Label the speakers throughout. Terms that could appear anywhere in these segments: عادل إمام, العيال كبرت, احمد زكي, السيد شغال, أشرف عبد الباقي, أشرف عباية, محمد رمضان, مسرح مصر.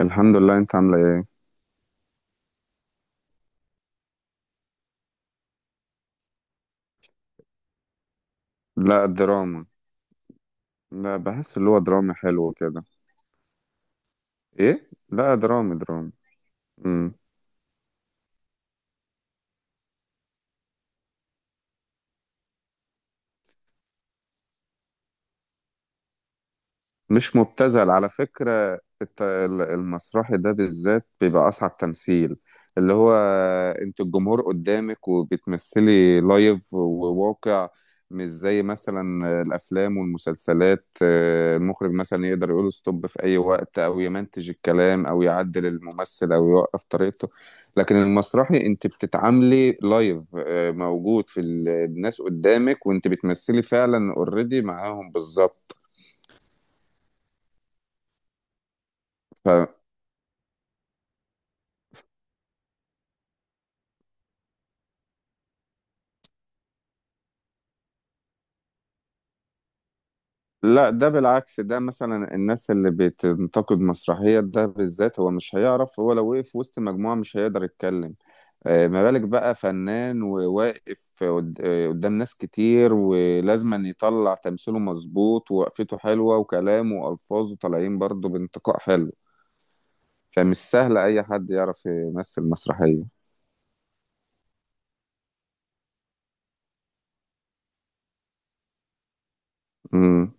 Speaker 1: الحمد لله. انت عامله ايه؟ لا، دراما. لا، بحس اللي هو دراما حلو كده. ايه لا، دراما دراما. مش مبتذل على فكرة المسرحي ده بالذات بيبقى أصعب تمثيل، اللي هو أنت الجمهور قدامك وبتمثلي لايف وواقع. مش زي مثلا الأفلام والمسلسلات، المخرج مثلا يقدر يقول ستوب في أي وقت أو يمنتج الكلام أو يعدل الممثل أو يوقف طريقته. لكن المسرحي أنت بتتعاملي لايف، موجود في الناس قدامك وأنت بتمثلي فعلا اوريدي معاهم بالظبط. لا، ده بالعكس، ده مثلا الناس اللي بتنتقد مسرحية ده بالذات هو مش هيعرف. هو لو وقف وسط مجموعة مش هيقدر يتكلم، ما بالك بقى فنان وواقف قدام ناس كتير، ولازم يطلع تمثيله مظبوط ووقفته حلوة وكلامه وألفاظه طالعين برضه بانتقاء حلو. فمش سهل أي حد يعرف يمثل مسرحية. امم.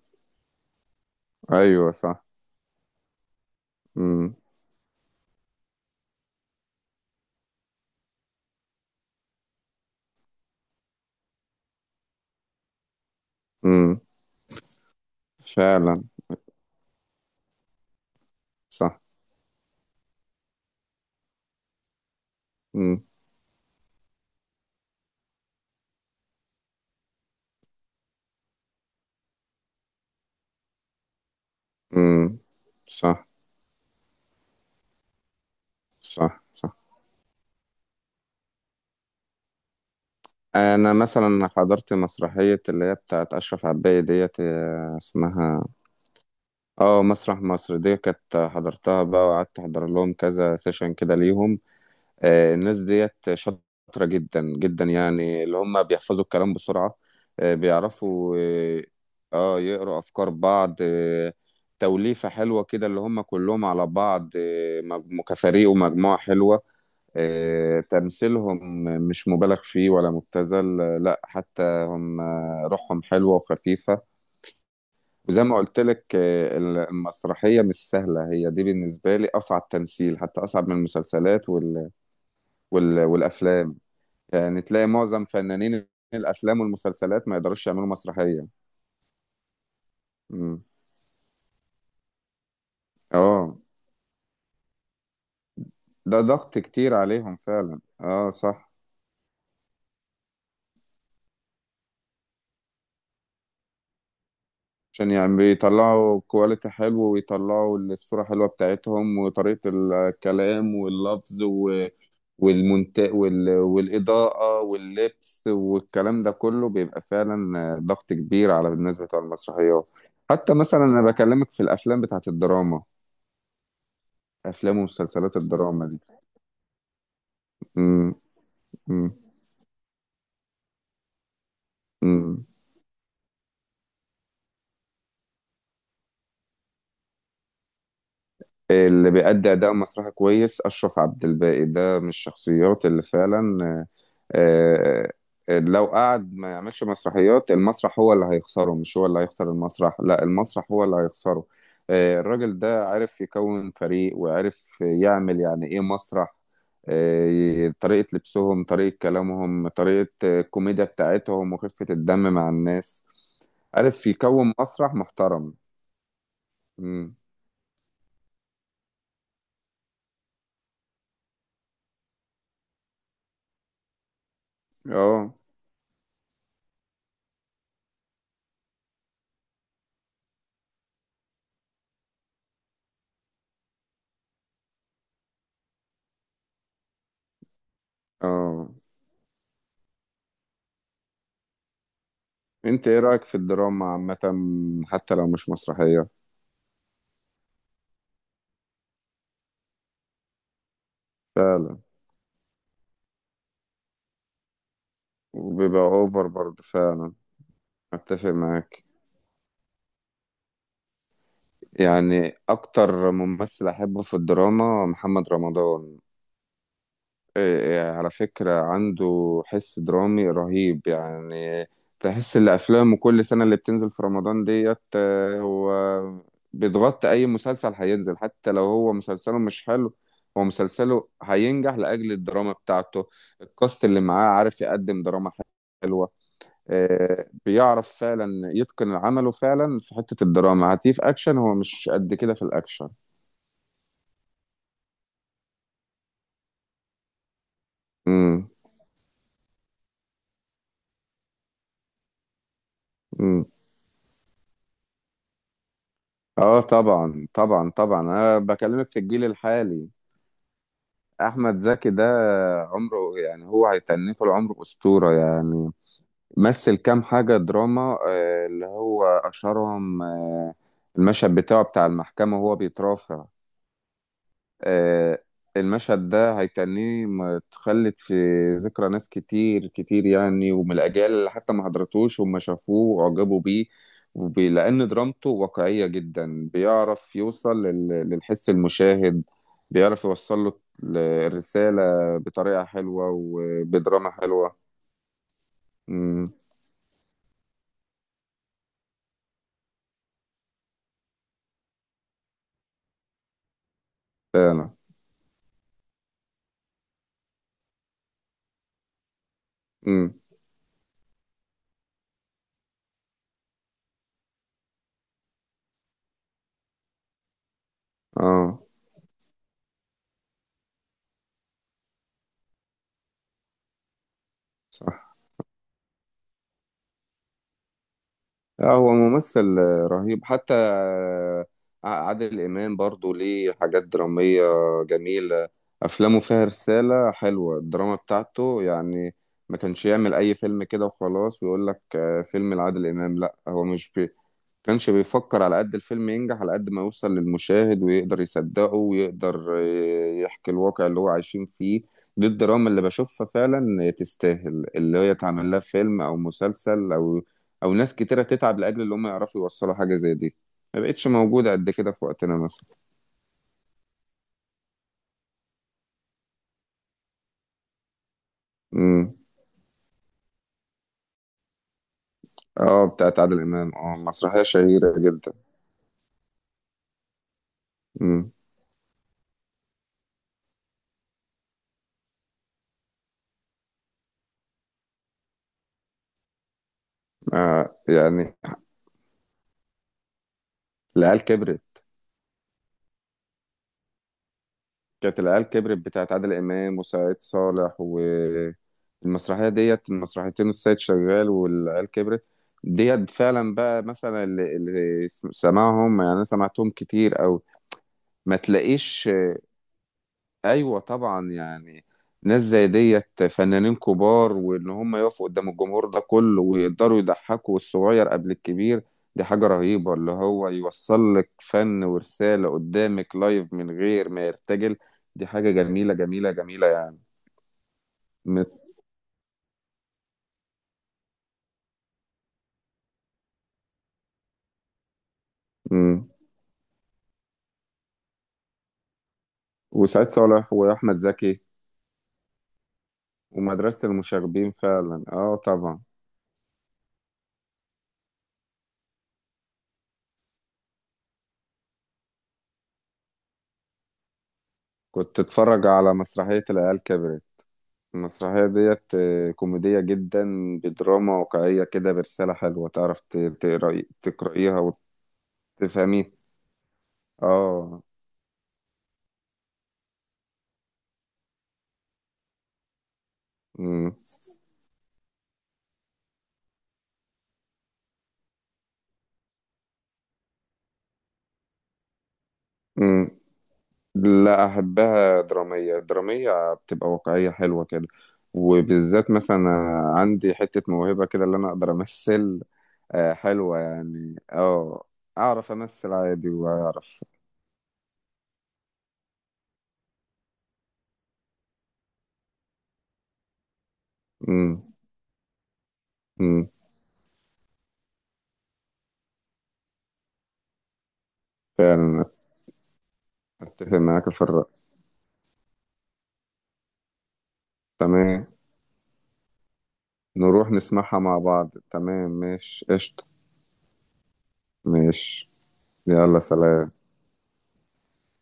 Speaker 1: أيوه صح. امم. امم. فعلا. صح. امم. امم. صح صح صح. انا مثلا حضرت مسرحيه اللي هي بتاعت اشرف عباية ديت، اسمها. اه، مسرح مصر دي، كانت حضرتها بقى وقعدت احضر لهم كذا سيشن كده ليهم. الناس ديت شاطره جدا جدا، يعني اللي هم بيحفظوا الكلام بسرعه، بيعرفوا. اه. يقروا افكار بعض. توليفه حلوه كده اللي هم كلهم على بعض، كفريق ومجموعه حلوه. تمثيلهم مش مبالغ فيه ولا مبتذل، لا، حتى هم روحهم حلوة وخفيفة. وزي ما قلت لك، المسرحية مش سهلة. هي دي بالنسبة لي أصعب تمثيل، حتى أصعب من المسلسلات والأفلام. يعني تلاقي معظم فنانين الأفلام والمسلسلات ما يقدروش يعملوا مسرحية. مم. اه. ده ضغط كتير عليهم فعلا، اه صح. عشان يعني بيطلعوا كواليتي حلو، ويطلعوا الصورة حلوة بتاعتهم، وطريقة الكلام واللفظ والمنت والإضاءة واللبس والكلام ده كله بيبقى فعلا ضغط كبير على الناس بتوع المسرحيات. حتى مثلا أنا بكلمك في الأفلام بتاعت الدراما، أفلام ومسلسلات الدراما دي. م- م- م. اللي بيأدي أداء مسرحي كويس أشرف عبد الباقي، ده من الشخصيات اللي فعلا آه، لو قعد ما يعملش مسرحيات، المسرح هو اللي هيخسره، مش هو اللي هيخسر المسرح. لا، المسرح هو اللي هيخسره. الراجل ده عارف يكون فريق، وعارف يعمل يعني ايه مسرح. طريقة لبسهم، طريقة كلامهم، طريقة الكوميديا بتاعتهم، وخفة الدم مع الناس. عارف يكون مسرح محترم. مم. اه. اه. انت ايه رأيك في الدراما عامة، حتى لو مش مسرحية؟ فعلا، وبيبقى اوفر برضه فعلا. أتفق معاك. يعني أكتر ممثل أحبه في الدراما محمد رمضان. إيه، إيه، على فكرة عنده حس درامي رهيب يعني. تحس إن أفلامه كل سنة اللي بتنزل في رمضان ديت، هو بيتغطي أي مسلسل هينزل، حتى لو هو مسلسله مش حلو. هو مسلسله هينجح لأجل الدراما بتاعته. الكاست اللي معاه عارف يقدم دراما حلوة. بيعرف فعلا يتقن عمله فعلا في حتة الدراما. هتيف اكشن هو مش قد كده في الاكشن. امم. امم. اه طبعا طبعا طبعا. انا بكلمك في الجيل الحالي. احمد زكي ده، عمره يعني هو هيتنيه طول عمره اسطورة يعني. مثل كام حاجة دراما، اللي هو اشهرهم، المشهد بتاعه بتاع المحكمة وهو بيترافع. آه، المشهد ده هيتنيه متخلد في ذكرى ناس كتير كتير يعني، ومن الأجيال اللي حتى ما حضرتوش وما شافوه وأعجبوا بيه، لأن درامته واقعية جدا. بيعرف يوصل للحس المشاهد، بيعرف يوصل له الرسالة بطريقة حلوة وبدراما حلوة. امم. فعلا. امم. اه صح. اه، هو ممثل رهيب. حتى عادل إمام برضو ليه حاجات درامية جميلة. أفلامه فيها رسالة حلوة، الدراما بتاعته يعني. ما كانش يعمل أي فيلم كده وخلاص ويقول لك فيلم لعادل إمام. لا، هو مش بي كانش بيفكر على قد الفيلم ينجح، على قد ما يوصل للمشاهد ويقدر يصدقه ويقدر يحكي الواقع اللي هو عايشين فيه. دي الدراما اللي بشوفها فعلا تستاهل، اللي هي تعمل لها فيلم او مسلسل او او ناس كتيرة تتعب لاجل اللي هم يعرفوا يوصلوا حاجة زي دي. ما بقتش موجودة قد كده في وقتنا مثلا. امم. اه، بتاعت عادل امام، اه مسرحية شهيرة جدا. امم. يعني العيال كبرت. كانت العيال كبرت بتاعت عادل امام وسعيد صالح. والمسرحيه ديت، المسرحيتين السيد شغال والعيال كبرت ديت، فعلا بقى مثلا اللي سمعهم يعني، انا سمعتهم كتير او ما تلاقيش. ايوه طبعا يعني، ناس زي ديت فنانين كبار، وان هم يقفوا قدام الجمهور ده كله ويقدروا يضحكوا الصغير قبل الكبير، دي حاجة رهيبة. اللي هو يوصل لك فن ورسالة قدامك لايف من غير ما يرتجل، دي حاجة جميلة جميلة جميلة يعني. مت... مم. وسعيد صالح وأحمد زكي. ومدرسة المشاغبين فعلا، اه طبعا. كنت اتفرج على مسرحية العيال كبرت. المسرحية ديت كوميدية جدا، بدراما واقعية كده، برسالة حلوة. تعرف تقرأي تقرأيها وتفهميها. اه. مم. مم. لا، أحبها درامية. درامية بتبقى واقعية حلوة كده، وبالذات مثلا عندي حتة موهبة كده اللي أنا أقدر أمثل حلوة يعني. اه، أعرف أمثل عادي وأعرف. مم. مم. فعلا، أتفق معاك في الرأي. تمام، نروح نسمعها مع بعض، تمام، ماشي قشطة. ماشي، يلا سلام.